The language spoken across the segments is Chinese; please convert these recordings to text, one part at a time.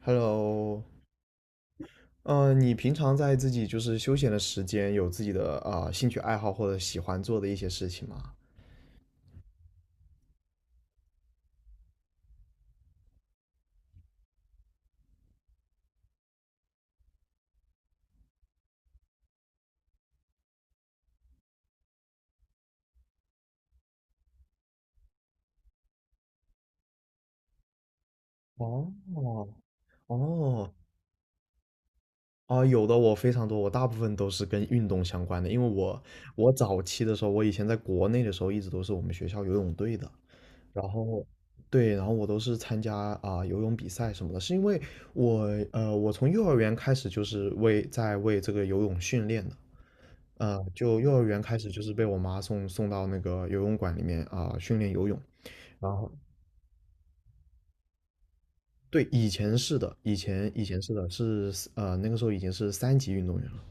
Hello，你平常在自己就是休闲的时间，有自己的兴趣爱好或者喜欢做的一些事情吗？哦。哦。啊，有的我非常多，我大部分都是跟运动相关的，因为我早期的时候，我以前在国内的时候，一直都是我们学校游泳队的。然后，对，然后我都是参加游泳比赛什么的，是因为我我从幼儿园开始就是为这个游泳训练的。就幼儿园开始就是被我妈送到那个游泳馆里面训练游泳。然后，对，以前是的，以前是的是那个时候已经是三级运动员了。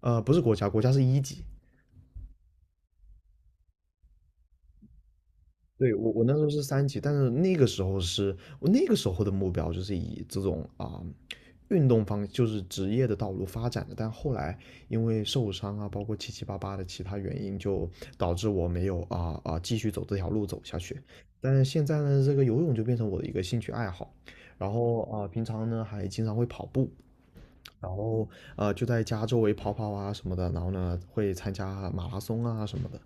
不是国家，国家是一级。对，我那时候是三级，但是那个时候是我那个时候的目标就是以这种运动方就是职业的道路发展的，但后来因为受伤啊，包括七七八八的其他原因，就导致我没有继续走这条路走下去。但是现在呢，这个游泳就变成我的一个兴趣爱好，然后平常呢还经常会跑步，然后就在家周围跑跑啊什么的，然后呢会参加马拉松啊什么的。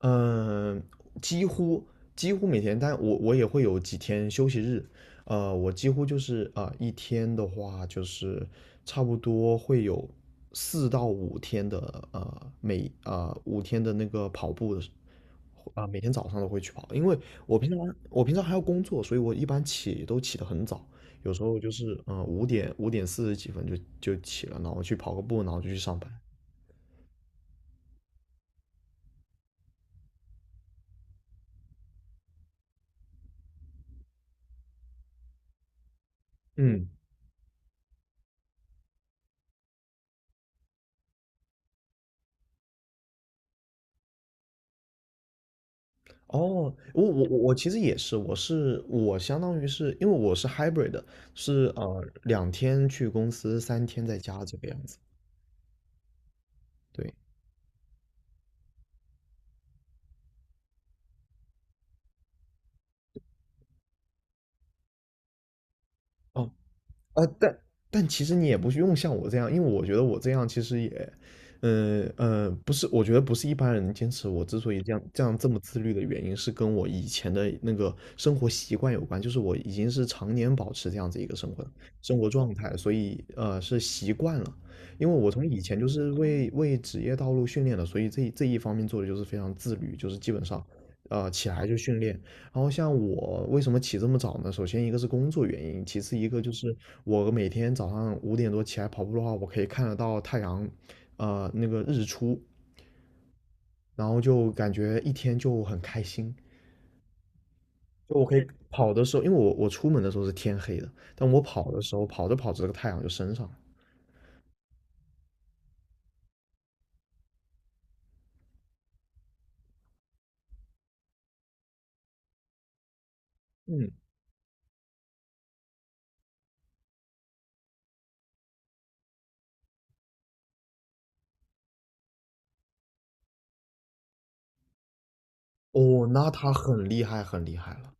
嗯，几乎几乎每天，但我也会有几天休息日。我几乎就是一天的话就是差不多会有4到5天的呃每啊、呃、五天的那个跑步的时每天早上都会去跑，因为我平常还要工作，所以我一般起都起得很早，有时候就是5点四十几分就起了，然后去跑个步，然后就去上班。嗯。哦，我其实也是，我相当于是因为我是 hybrid 的，是2天去公司，三天在家这个样子。对。哦。呃，但但其实你也不用像我这样，因为我觉得我这样其实也，不是，我觉得不是一般人能坚持。我之所以这样这么自律的原因，是跟我以前的那个生活习惯有关，就是我已经是常年保持这样子一个生活状态，所以是习惯了。因为我从以前就是为职业道路训练的，所以这一方面做的就是非常自律，就是基本上，起来就训练。然后像我为什么起这么早呢？首先一个是工作原因，其次一个就是我每天早上5点多起来跑步的话，我可以看得到太阳，那个日出，然后就感觉一天就很开心。就我可以跑的时候，因为我出门的时候是天黑的，但我跑的时候，跑着跑着这个太阳就升上了。嗯。哦，那他很厉害，很厉害了。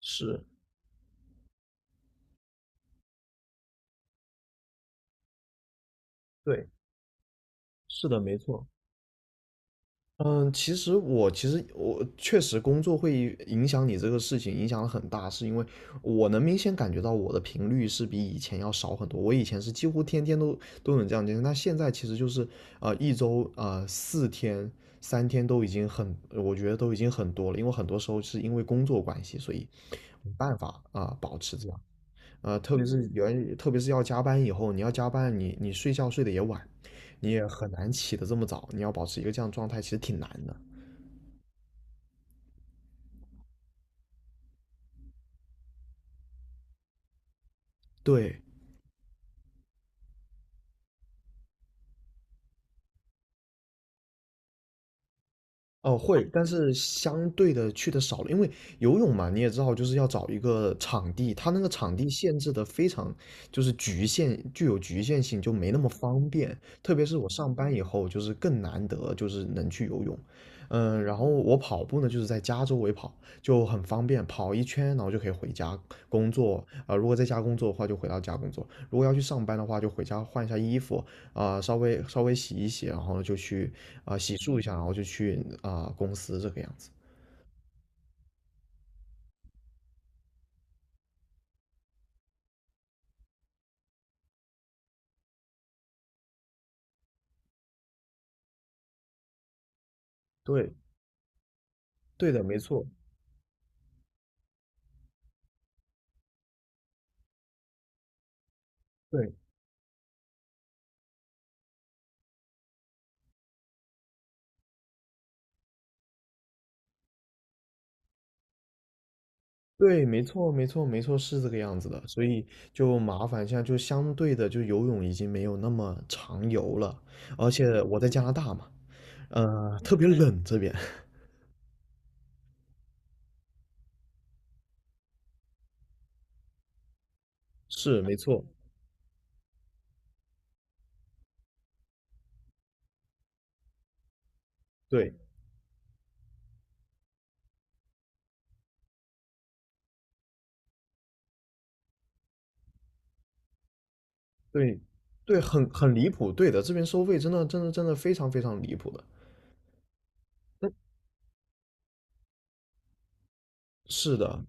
是。对。是的，没错。嗯，其实我确实工作会影响你这个事情，影响得很大，是因为我能明显感觉到我的频率是比以前要少很多。我以前是几乎天天都能这样进行，那现在其实就是一周三天都已经很，我觉得都已经很多了，因为很多时候是因为工作关系，所以没办法保持这样。特别是要加班以后，你要加班，你睡觉睡得也晚，你也很难起得这么早，你要保持一个这样状态，其实挺难的。对。哦，会，但是相对的去的少了，因为游泳嘛，你也知道，就是要找一个场地，它那个场地限制的非常，就是局限，具有局限性，就没那么方便。特别是我上班以后，就是更难得，就是能去游泳。嗯。然后我跑步呢，就是在家周围跑，就很方便，跑一圈，然后就可以回家工作。如果在家工作的话，就回到家工作；如果要去上班的话，就回家换一下衣服，稍微稍微洗一洗，然后呢就去洗漱一下，然后就去公司这个样子。对。对的，没错。对对，没错，没错，没错，是这个样子的。所以就麻烦现在就相对的，就游泳已经没有那么常游了，而且我在加拿大嘛，特别冷这边。是，没错。对对对，很离谱，对的，这边收费真的真的真的非常非常离谱的。嗯，是的。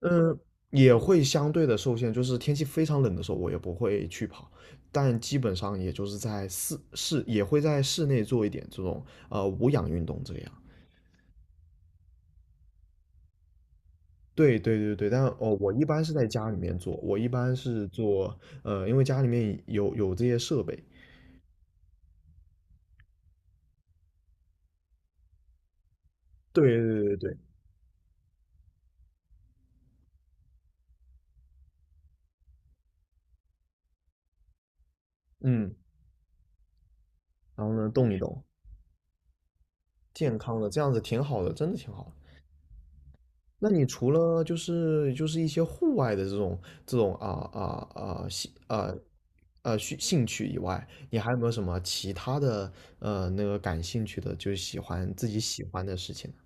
嗯，也会相对的受限，就是天气非常冷的时候，我也不会去跑，但基本上也就是在室室也会在室内做一点这种无氧运动这个样。对对对对，但哦，我一般是在家里面做，我一般是做，因为家里面有这些设备。对对对对对。嗯，然后呢，动一动，健康的，这样子挺好的，真的挺好的。那你除了就是一些户外的这种啊啊啊兴啊啊兴兴趣以外，你还有没有什么其他的那个感兴趣的，就是喜欢自己喜欢的事情呢？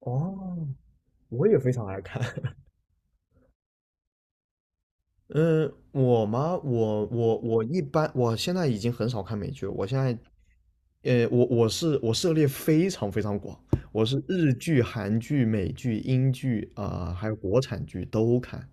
哦，我也非常爱看。嗯，我吗？我一般，我现在已经很少看美剧了。我现在，我涉猎非常非常广，我是日剧、韩剧、美剧、英剧还有国产剧都看。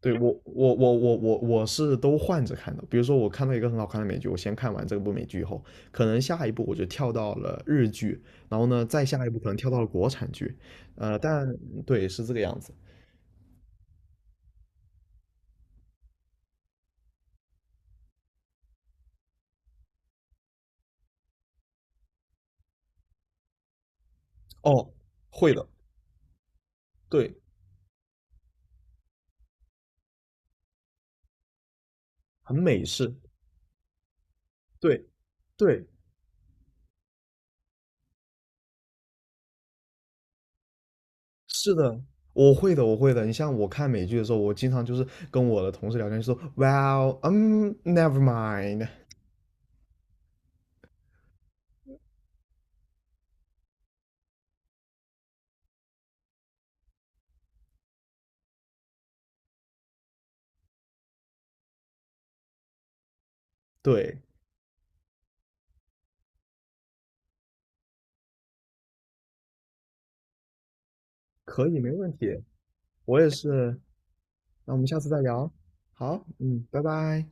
对，我是都换着看的。比如说我看到一个很好看的美剧，我先看完这部美剧以后，可能下一步我就跳到了日剧，然后呢再下一步可能跳到了国产剧，但，对，是这个样子。哦，会的。对，很美式。对对，是的。我会的，我会的。你像我看美剧的时候，我经常就是跟我的同事聊天，说，Well，never mind。对，可以，没问题。我也是。那我们下次再聊。好，嗯，拜拜。